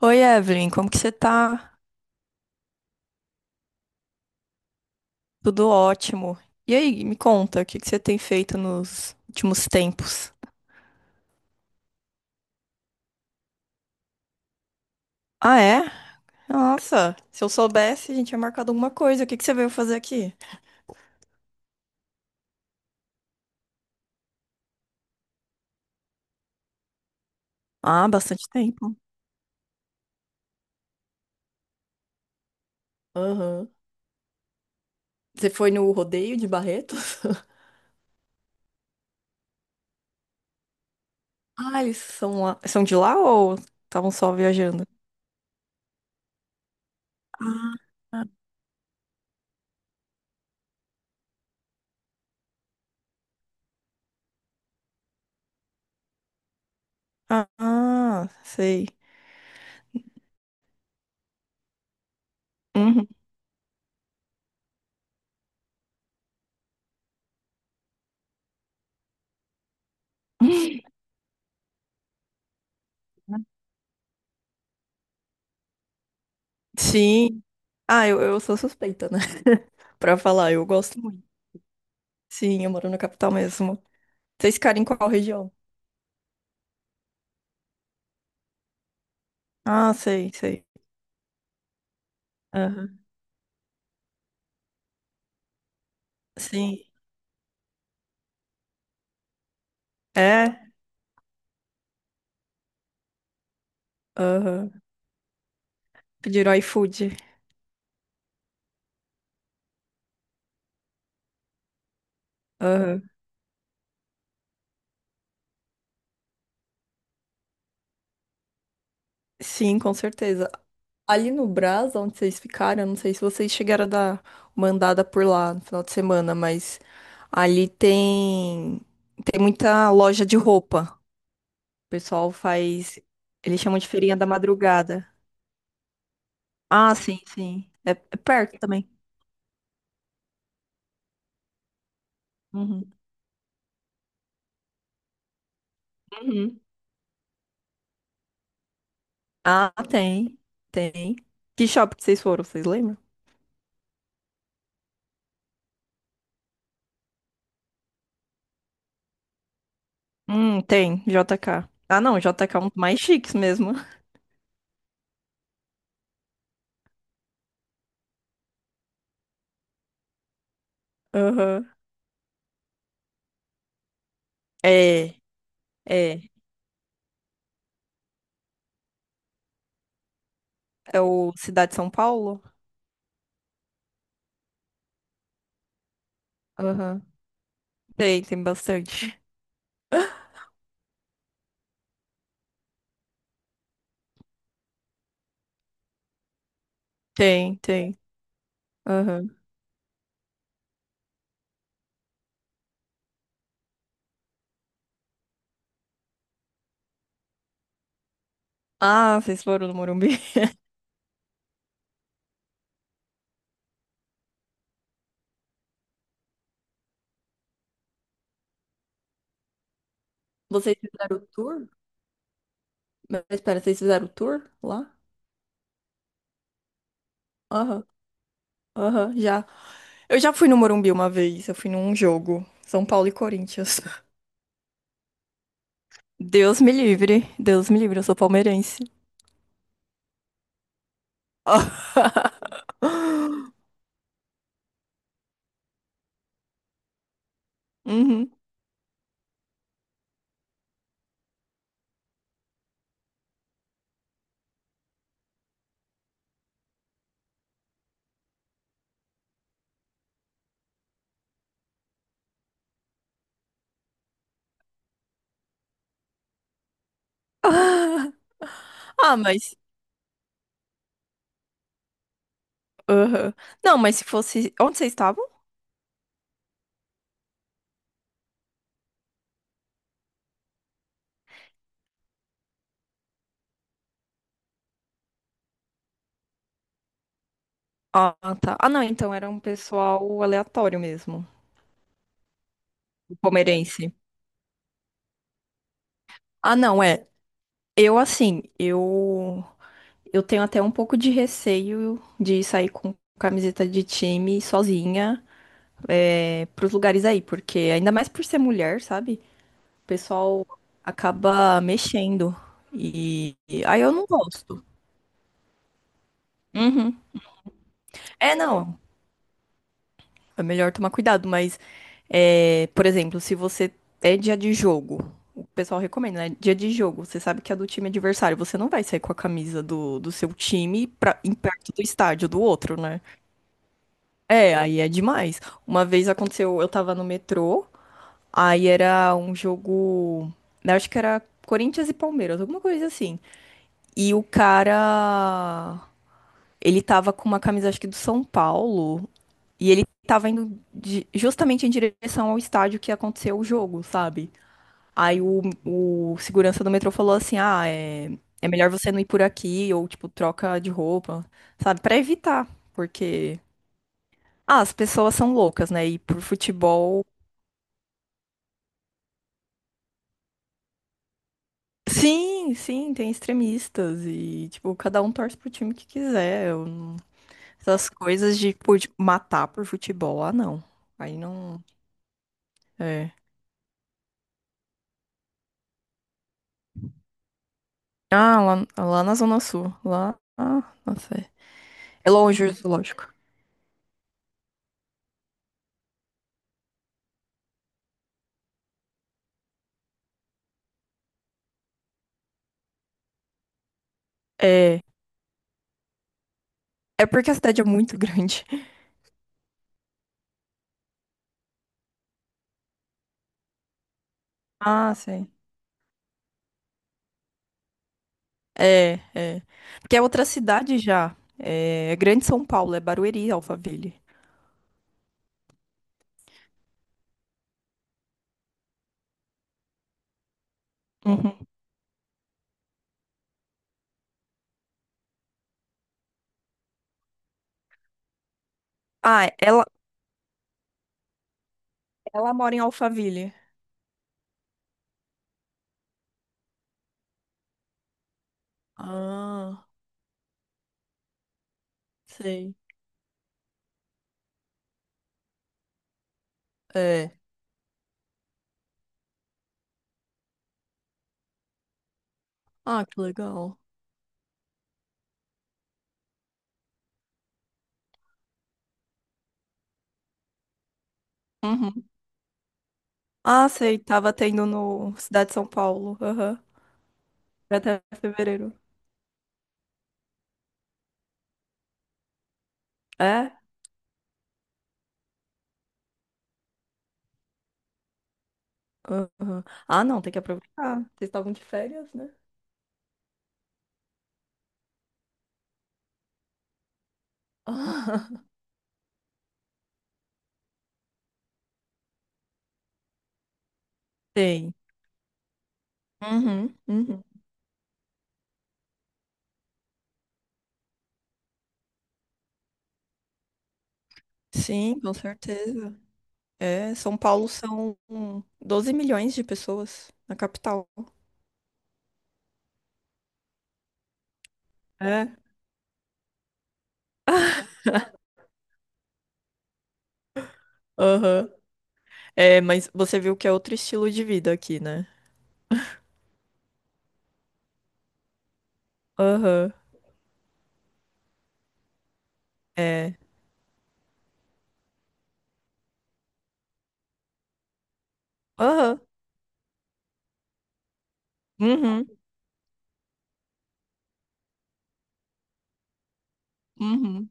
Oi, Evelyn, como que você tá? Tudo ótimo. E aí, me conta, o que que você tem feito nos últimos tempos? Ah, é? Nossa, se eu soubesse, a gente tinha marcado alguma coisa. O que que você veio fazer aqui? Ah, bastante tempo. Aham. Você foi no rodeio de Barretos? Ah, eles são lá, são de lá ou estavam só viajando? Ah, ah, sei. Uhum. Sim. Ah, eu sou suspeita, né? Pra falar, eu gosto muito. Sim, eu moro na capital mesmo. Vocês ficaram em qual região? Ah, sei, sei. Aham. Sim. É? Aham. Pediram iFood. Aham. Sim, com certeza. Ali no Brás, onde vocês ficaram, eu não sei se vocês chegaram a dar uma andada por lá no final de semana, mas ali tem muita loja de roupa. O pessoal faz, eles chamam de feirinha da madrugada. Ah, sim, sim. É, é perto também. Uhum. Uhum. Ah, tem. Tem. Que shopping que vocês foram, vocês lembram? Tem, JK. Ah, não, JK é um dos mais chiques mesmo. Aham. É, é. É o Cidade de São Paulo? Aham. Tem, tem bastante. Tem, tem. Aham. Ah, vocês foram no Morumbi? Vocês fizeram o tour? Mas espera, vocês fizeram o tour lá? Aham, aham, já. Eu já fui no Morumbi uma vez, eu fui num jogo. São Paulo e Corinthians. Deus me livre, eu sou palmeirense. Uhum. Ah, mas. Aham. Não, mas se fosse. Onde vocês estavam? Ah, tá. Ah, não, então era um pessoal aleatório mesmo, o palmeirense. Ah, não, é. Eu, assim, eu. Eu tenho até um pouco de receio de sair com camiseta de time sozinha, é, pros lugares aí, porque ainda mais por ser mulher, sabe? O pessoal acaba mexendo. E aí eu não gosto. Uhum. É, não. É melhor tomar cuidado, mas, é, por exemplo, se você é dia de jogo, o pessoal recomenda, né? Dia de jogo, você sabe que é do time adversário, você não vai sair com a camisa do seu time em perto do estádio do outro, né? É, aí é demais. Uma vez aconteceu, eu tava no metrô, aí era um jogo, eu acho que era Corinthians e Palmeiras, alguma coisa assim. E o cara, ele tava com uma camisa, acho que do São Paulo, e ele tava indo justamente em direção ao estádio que aconteceu o jogo, sabe? Aí o segurança do metrô falou assim: ah, é melhor você não ir por aqui, ou tipo, troca de roupa, sabe? Pra evitar, porque. Ah, as pessoas são loucas, né? E por futebol. Sim, sim, tem extremistas e, tipo, cada um torce pro time que quiser. Eu não- Essas coisas de, tipo, de matar por futebol, ah, não. Aí não. É. Ah, lá, lá na Zona Sul. Lá. Ah, nossa. É longe o zoológico. É. É porque a cidade é muito grande. Ah, sei. É, é. Porque é outra cidade já. É Grande São Paulo, é Barueri, Alphaville. Uhum. Ah, ela mora em Alphaville. Ah, sei. É. Ah, que legal. Uhum. Ah, sei. Tava tendo no Cidade de São Paulo. Aham. Vai até fevereiro. É? Aham. Ah, não, tem que aproveitar. Vocês estavam de férias, né? Ah, tem. Uhum, uhum. Sim, com certeza. É, São Paulo são 12 milhões de pessoas na capital. É, aham. É, mas você viu que é outro estilo de vida aqui, né? Aham, é. Aham. Uhum, uhum.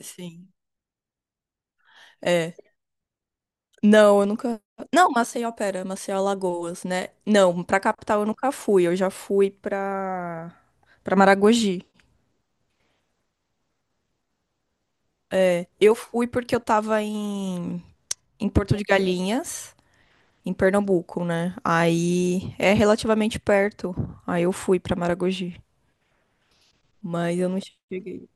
Sim. É. Não, eu nunca. Não, Maceió, pera, Maceió Alagoas, né? Não, pra capital eu nunca fui. Eu já fui pra. Pra Maragogi. É. Eu fui porque eu tava em Porto de Galinhas, em Pernambuco, né? Aí é relativamente perto. Aí eu fui pra Maragogi, mas eu não cheguei.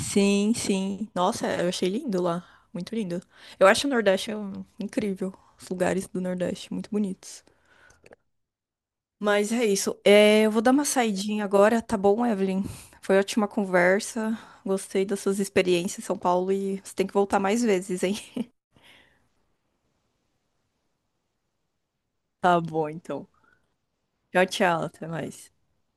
Sim, sim. Nossa, eu achei lindo lá. Muito lindo. Eu acho o Nordeste incrível. Os lugares do Nordeste, muito bonitos. Mas é isso. É, eu vou dar uma saidinha agora, tá bom, Evelyn? Foi ótima conversa. Gostei das suas experiências em São Paulo e você tem que voltar mais vezes, hein? Tá bom, então. Tchau, tchau. Até mais.